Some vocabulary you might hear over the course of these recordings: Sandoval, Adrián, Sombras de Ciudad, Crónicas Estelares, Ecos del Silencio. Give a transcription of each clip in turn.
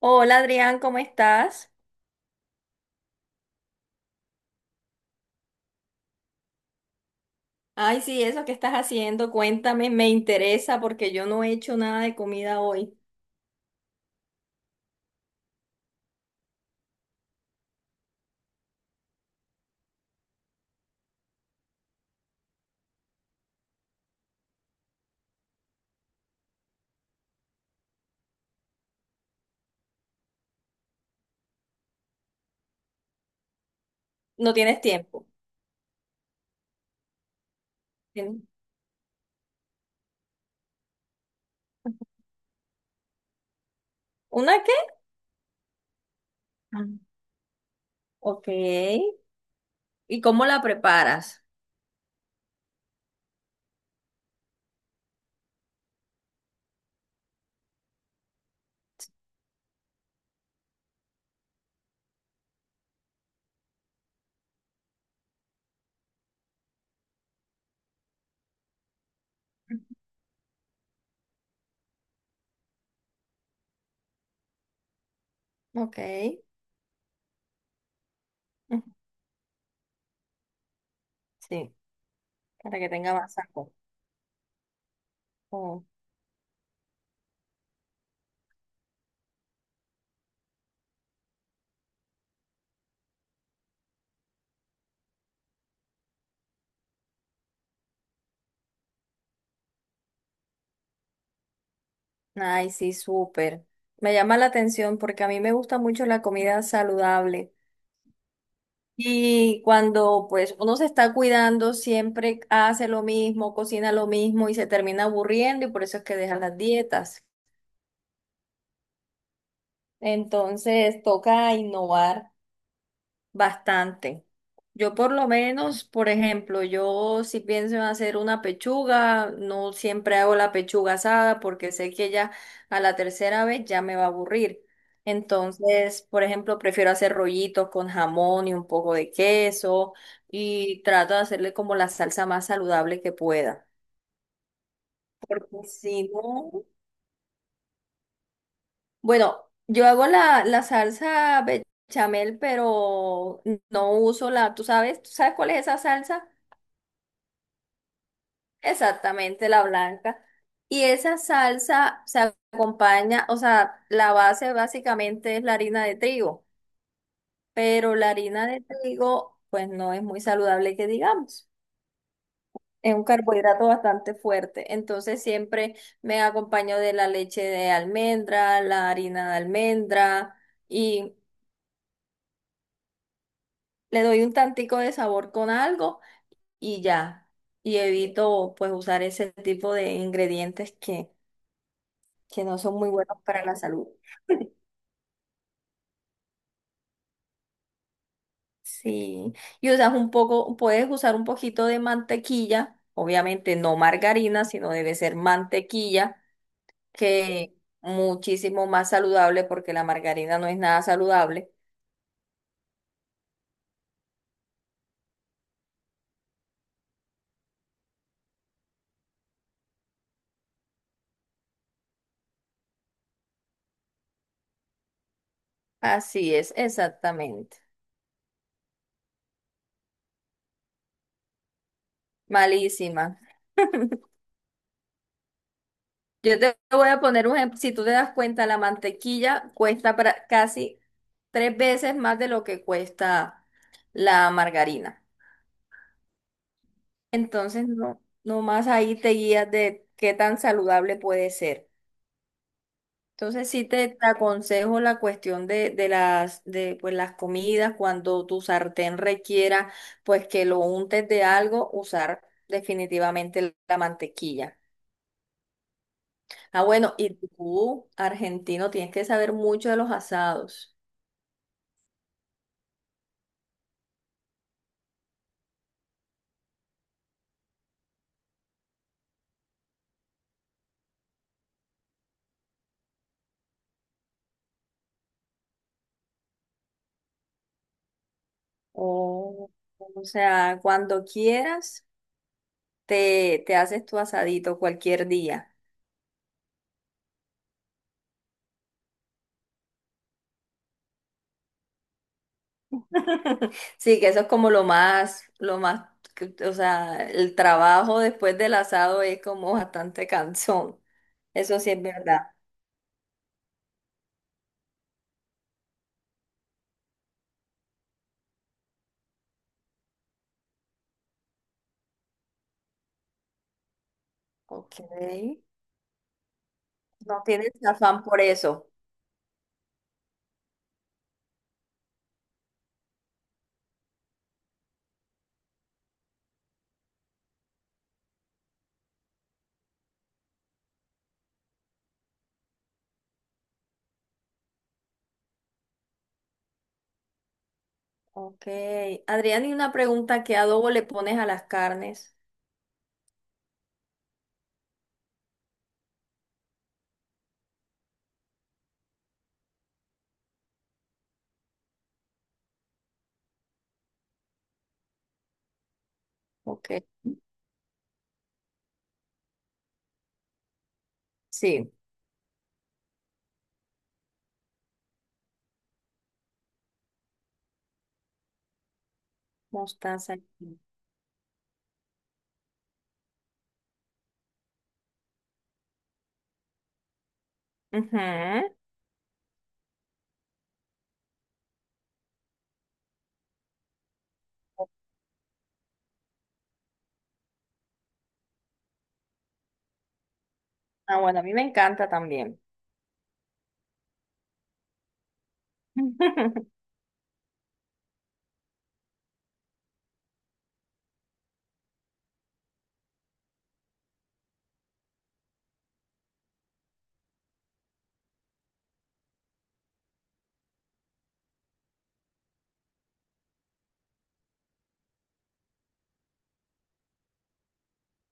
Hola Adrián, ¿cómo estás? Ay, sí, eso que estás haciendo, cuéntame, me interesa porque yo no he hecho nada de comida hoy. No tienes tiempo. ¿Tien- ¿Una qué? Ah. Ok. ¿Y cómo la preparas? Ok. Ujú, sí, para que tenga más sabor. Oh, ay, sí, súper. Me llama la atención porque a mí me gusta mucho la comida saludable. Y cuando pues uno se está cuidando, siempre hace lo mismo, cocina lo mismo y se termina aburriendo y por eso es que deja las dietas. Entonces toca innovar. Bastante. Yo por lo menos, por ejemplo, yo si pienso en hacer una pechuga, no siempre hago la pechuga asada porque sé que ya a la tercera vez ya me va a aburrir. Entonces, por ejemplo, prefiero hacer rollitos con jamón y un poco de queso y trato de hacerle como la salsa más saludable que pueda. Porque si no, bueno, yo hago la salsa bechamel, pero no uso ¿tú sabes? ¿Tú sabes cuál es esa salsa? Exactamente, la blanca. Y esa salsa se acompaña, o sea, la base básicamente es la harina de trigo, pero la harina de trigo, pues no es muy saludable que digamos. Es un carbohidrato bastante fuerte. Entonces siempre me acompaño de la leche de almendra, la harina de almendra y le doy un tantico de sabor con algo y ya. Y evito pues usar ese tipo de ingredientes que no son muy buenos para la salud. Sí, y usas un poco, puedes usar un poquito de mantequilla, obviamente no margarina, sino debe ser mantequilla, que muchísimo más saludable porque la margarina no es nada saludable. Así es, exactamente. Malísima. Yo te voy a poner un ejemplo, si tú te das cuenta, la mantequilla cuesta casi tres veces más de lo que cuesta la margarina. Entonces, no, nomás ahí te guías de qué tan saludable puede ser. Entonces, sí te aconsejo la cuestión de pues, las comidas, cuando tu sartén requiera, pues que lo untes de algo, usar definitivamente la mantequilla. Ah, bueno, y tú, argentino, tienes que saber mucho de los asados. O, o sea, cuando quieras, te haces tu asadito cualquier día. Sí, que eso es como lo más, o sea, el trabajo después del asado es como bastante cansón. Eso sí es verdad. Ok. No tienes afán por eso. Ok. Adrián, y una pregunta, ¿qué adobo le pones a las carnes? Ok. Sí, mostaza. Ujú. Ah, bueno, a mí me encanta también.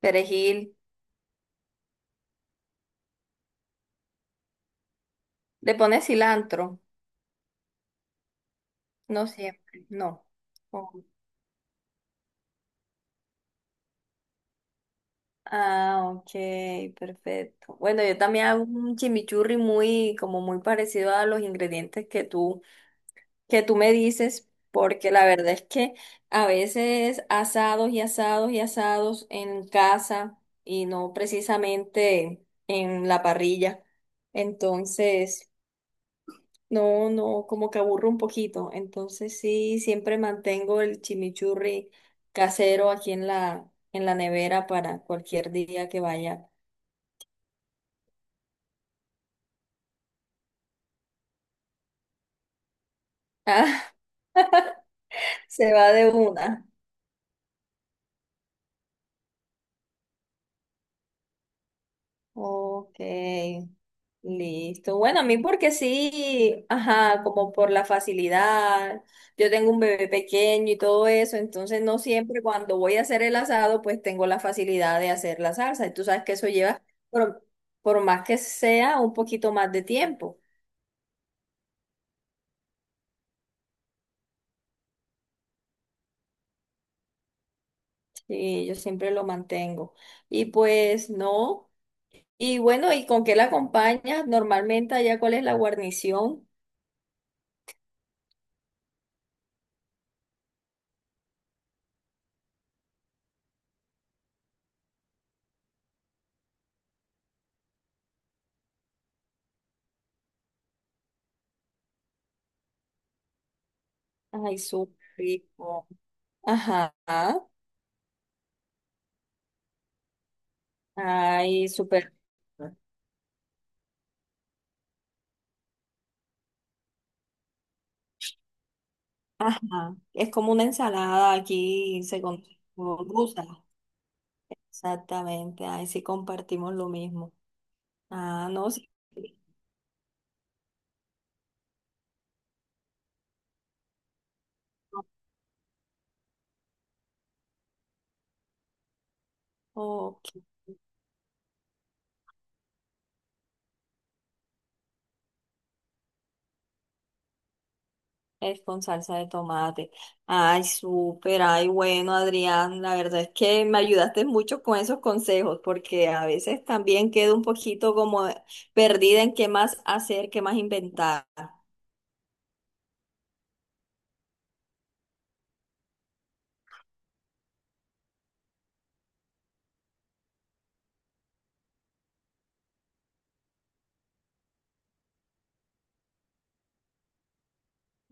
Perejil. ¿Le pones cilantro? No siempre, no. Ah, ok, perfecto. Bueno, yo también hago un chimichurri muy, como muy parecido a los ingredientes que tú me dices, porque la verdad es que a veces asados y asados y asados en casa y no precisamente en la parrilla. Entonces, no, no, como que aburro un poquito. Entonces sí, siempre mantengo el chimichurri casero aquí en la nevera para cualquier día que vaya. Ah, se va de una. Ok, listo. Bueno, a mí porque sí, ajá, como por la facilidad. Yo tengo un bebé pequeño y todo eso, entonces no siempre cuando voy a hacer el asado, pues tengo la facilidad de hacer la salsa. Y tú sabes que eso lleva, por, por más que sea, un poquito más de tiempo. Sí, yo siempre lo mantengo. Y pues no. Y bueno, ¿y con qué la acompañas? Normalmente allá, ¿cuál es la guarnición? Ay, súper rico. Ajá. Ay, súper. Ajá. Es como una ensalada aquí, se con como rusa. Exactamente. Ay, sí compartimos lo mismo. Ah, no, sí. Ok, es con salsa de tomate. Ay, súper. Ay, bueno, Adrián, la verdad es que me ayudaste mucho con esos consejos, porque a veces también quedo un poquito como perdida en qué más hacer, qué más inventar.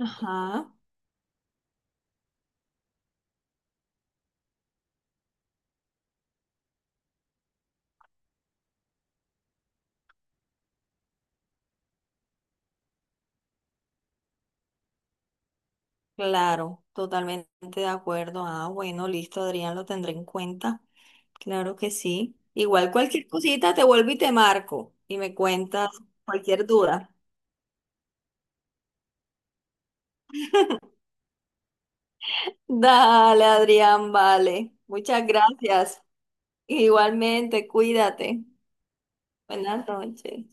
Ajá. Claro, totalmente de acuerdo. Ah, bueno, listo, Adrián, lo tendré en cuenta. Claro que sí. Igual cualquier cosita te vuelvo y te marco y me cuentas cualquier duda. Dale, Adrián, vale. Muchas gracias. Igualmente, cuídate. Buenas noches.